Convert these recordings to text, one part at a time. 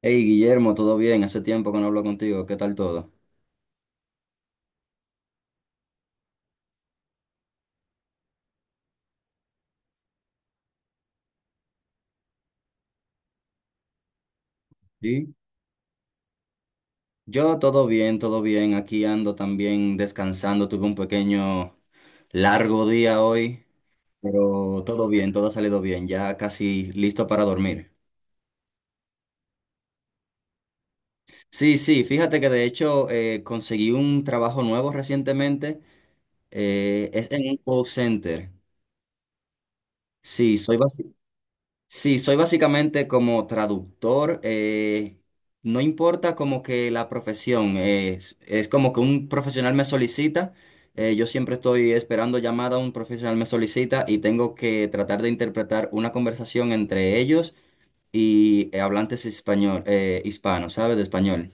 Hey Guillermo, ¿todo bien? Hace tiempo que no hablo contigo. ¿Qué tal todo? Sí. Yo todo bien, todo bien. Aquí ando también descansando. Tuve un pequeño largo día hoy, pero todo bien, todo ha salido bien. Ya casi listo para dormir. Sí, sí, fíjate que de hecho conseguí un trabajo nuevo recientemente. Es en un call center. Sí, soy, basi- Sí, soy básicamente como traductor. No importa como que la profesión, es como que un profesional me solicita. Yo siempre estoy esperando llamada, un profesional me solicita y tengo que tratar de interpretar una conversación entre ellos y hablantes español, hispanos, ¿sabes? De español.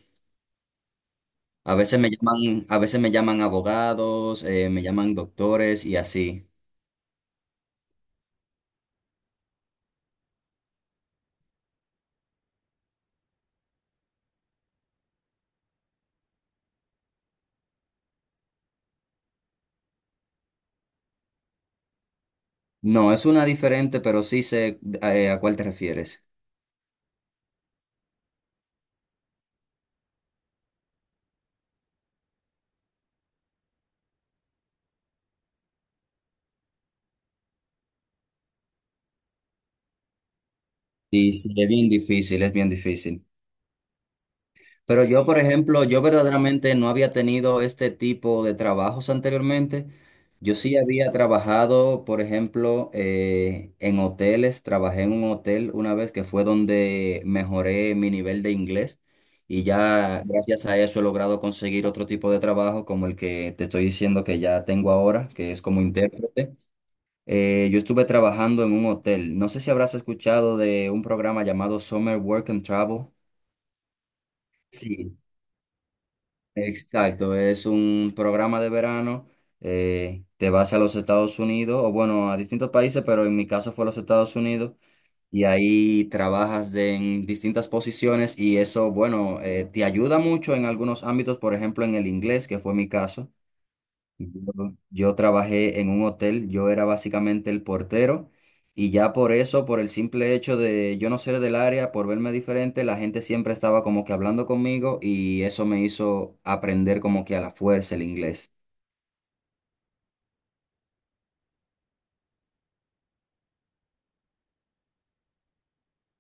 A veces me llaman, a veces me llaman abogados, me llaman doctores y así. No, es una diferente, pero sí sé, a cuál te refieres. Y sí, es bien difícil, es bien difícil. Pero yo, por ejemplo, yo verdaderamente no había tenido este tipo de trabajos anteriormente. Yo sí había trabajado, por ejemplo, en hoteles. Trabajé en un hotel una vez que fue donde mejoré mi nivel de inglés y ya gracias a eso he logrado conseguir otro tipo de trabajo como el que te estoy diciendo que ya tengo ahora, que es como intérprete. Yo estuve trabajando en un hotel. No sé si habrás escuchado de un programa llamado Summer Work and Travel. Sí, exacto. Es un programa de verano. Te vas a los Estados Unidos, o bueno, a distintos países, pero en mi caso fue a los Estados Unidos. Y ahí en distintas posiciones y eso, bueno, te ayuda mucho en algunos ámbitos, por ejemplo, en el inglés, que fue mi caso. Yo, yo trabajé en un hotel, yo era básicamente el portero y ya por eso, por el simple hecho de yo no ser del área, por verme diferente, la gente siempre estaba como que hablando conmigo y eso me hizo aprender como que a la fuerza el inglés.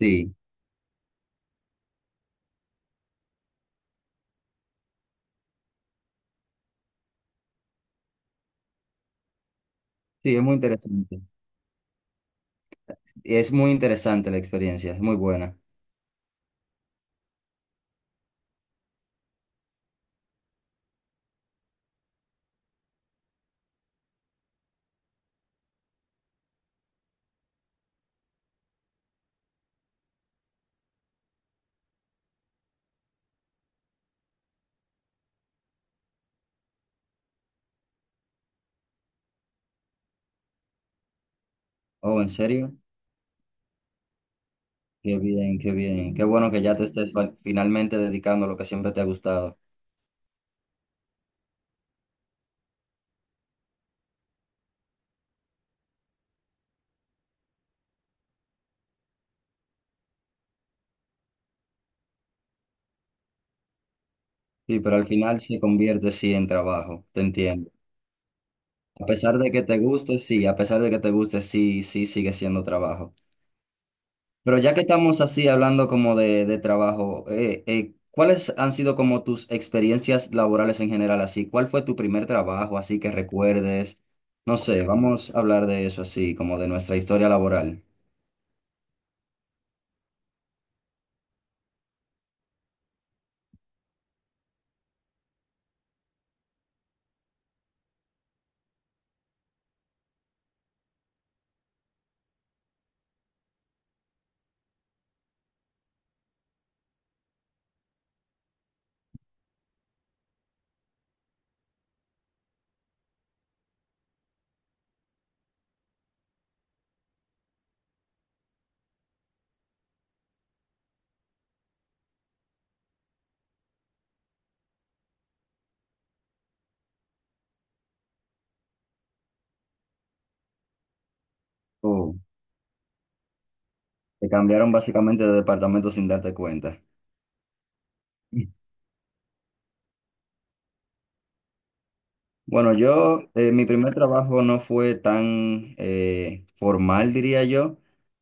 Sí, sí, es muy interesante. Es muy interesante la experiencia, es muy buena. Oh, ¿en serio? Qué bien, qué bien. Qué bueno que ya te estés finalmente dedicando a lo que siempre te ha gustado. Sí, pero al final se convierte sí en trabajo, te entiendo. A pesar de que te guste, sí, a pesar de que te guste, sí, sí, sigue siendo trabajo. Pero ya que estamos así hablando como de trabajo, ¿cuáles han sido como tus experiencias laborales en general así? ¿Cuál fue tu primer trabajo así que recuerdes? No sé, vamos a hablar de eso así, como de nuestra historia laboral. Oh, te cambiaron básicamente de departamento sin darte cuenta. Bueno, mi primer trabajo no fue tan formal, diría yo.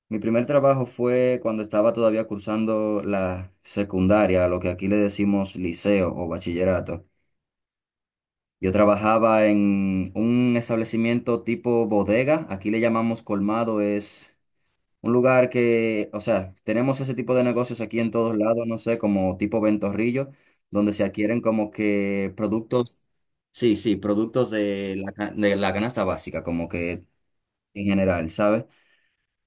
Mi primer trabajo fue cuando estaba todavía cursando la secundaria, lo que aquí le decimos liceo o bachillerato. Yo trabajaba en un establecimiento tipo bodega, aquí le llamamos colmado, es un lugar que, o sea, tenemos ese tipo de negocios aquí en todos lados, no sé, como tipo Ventorrillo, donde se adquieren como que productos, sí, sí, productos de la, de la canasta básica, como que en general, ¿sabes?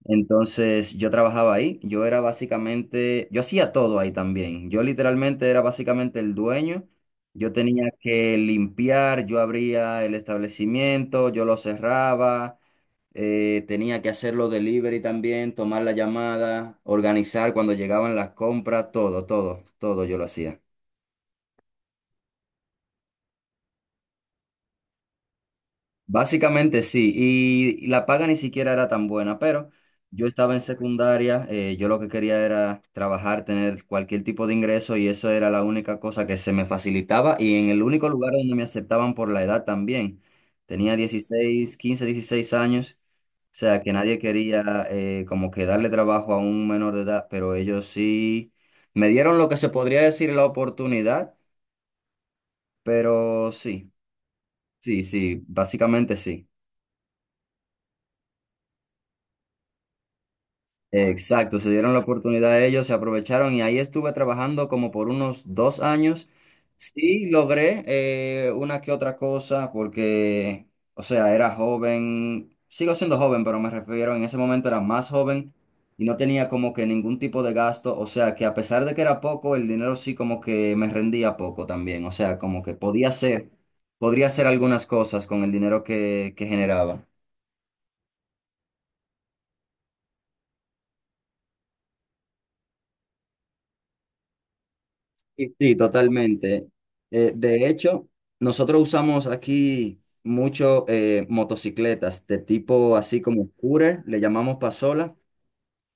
Entonces yo trabajaba ahí, yo era básicamente, yo hacía todo ahí también, yo literalmente era básicamente el dueño, yo tenía que limpiar, yo abría el establecimiento, yo lo cerraba tenía que hacer los delivery también, tomar la llamada, organizar cuando llegaban las compras, todo, todo, todo yo lo hacía. Básicamente sí, y, la paga ni siquiera era tan buena, pero yo estaba en secundaria, yo lo que quería era trabajar, tener cualquier tipo de ingreso y eso era la única cosa que se me facilitaba y en el único lugar donde me aceptaban por la edad también. Tenía 16, 15, 16 años. O sea, que nadie quería como que darle trabajo a un menor de edad, pero ellos sí me dieron lo que se podría decir la oportunidad, pero sí, sí, sí, básicamente sí. Exacto, se dieron la oportunidad a ellos, se aprovecharon y ahí estuve trabajando como por unos 2 años. Sí, logré una que otra cosa porque, o sea, era joven, sigo siendo joven, pero me refiero, en ese momento era más joven y no tenía como que ningún tipo de gasto, o sea, que a pesar de que era poco, el dinero sí como que me rendía poco también, o sea, como que podía hacer, podría hacer algunas cosas con el dinero que generaba. Sí, sí totalmente. De hecho, nosotros usamos aquí mucho motocicletas de tipo así como scooter, le llamamos pasola.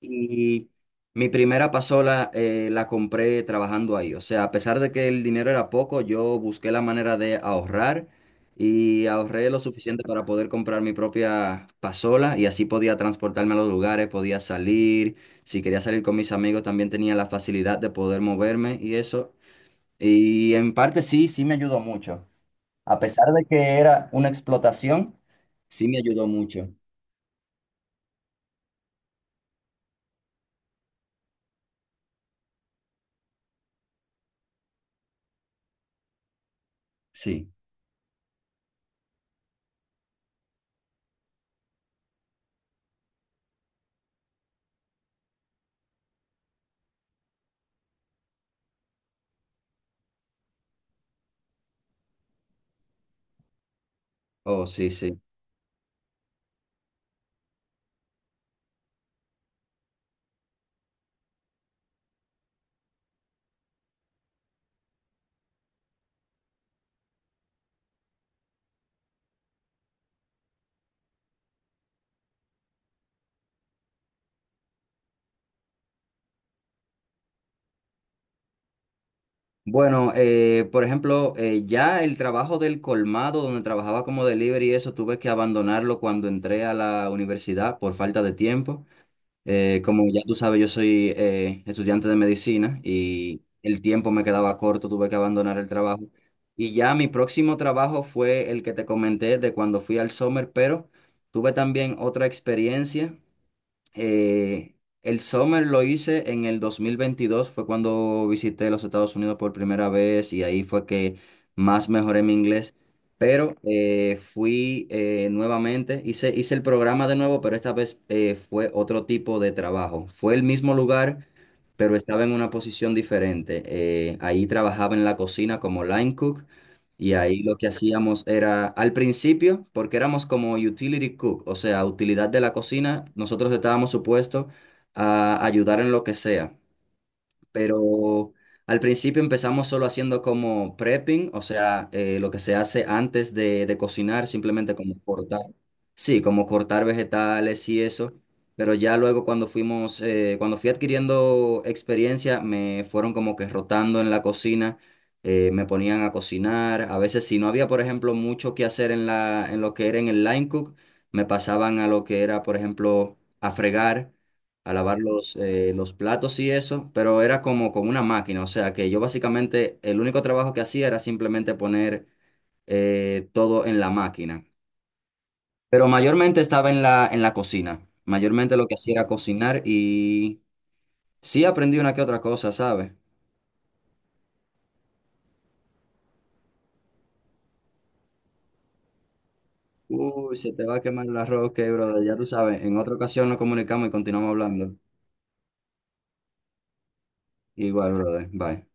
Y mi primera pasola la compré trabajando ahí. O sea, a pesar de que el dinero era poco, yo busqué la manera de ahorrar y ahorré lo suficiente para poder comprar mi propia pasola y así podía transportarme a los lugares, podía salir. Si quería salir con mis amigos, también tenía la facilidad de poder moverme y eso. Y en parte sí, sí me ayudó mucho. A pesar de que era una explotación, sí me ayudó mucho. Sí, oh, sí, sí. Bueno, por ejemplo, ya el trabajo del colmado, donde trabajaba como delivery y eso, tuve que abandonarlo cuando entré a la universidad por falta de tiempo. Como ya tú sabes, yo soy estudiante de medicina y el tiempo me quedaba corto, tuve que abandonar el trabajo. Y ya mi próximo trabajo fue el que te comenté de cuando fui al Summer, pero tuve también otra experiencia eh, el Summer lo hice en el 2022 fue cuando visité los Estados Unidos por primera vez y ahí fue que más mejoré mi inglés. Pero fui nuevamente, hice el programa de nuevo, pero esta vez fue otro tipo de trabajo. Fue el mismo lugar, pero estaba en una posición diferente. Ahí trabajaba en la cocina como line cook y ahí lo que hacíamos era, al principio, porque éramos como utility cook, o sea, utilidad de la cocina, nosotros estábamos supuestos a ayudar en lo que sea pero al principio empezamos solo haciendo como prepping, o sea, lo que se hace antes de cocinar, simplemente como cortar, sí, como cortar vegetales y eso, pero ya luego cuando fui adquiriendo experiencia, me fueron como que rotando en la cocina. Me ponían a cocinar, a veces si no había, por ejemplo, mucho que hacer en en lo que era en el line cook, me pasaban a lo que era, por ejemplo, a fregar a lavar los platos y eso, pero era como con una máquina, o sea que yo básicamente el único trabajo que hacía era simplemente poner todo en la máquina, pero mayormente estaba en en la cocina, mayormente lo que hacía era cocinar y sí aprendí una que otra cosa, ¿sabes? Uy, se te va a quemar el arroz, que brother, ya tú sabes, en otra ocasión nos comunicamos y continuamos hablando. Igual, brother, bye.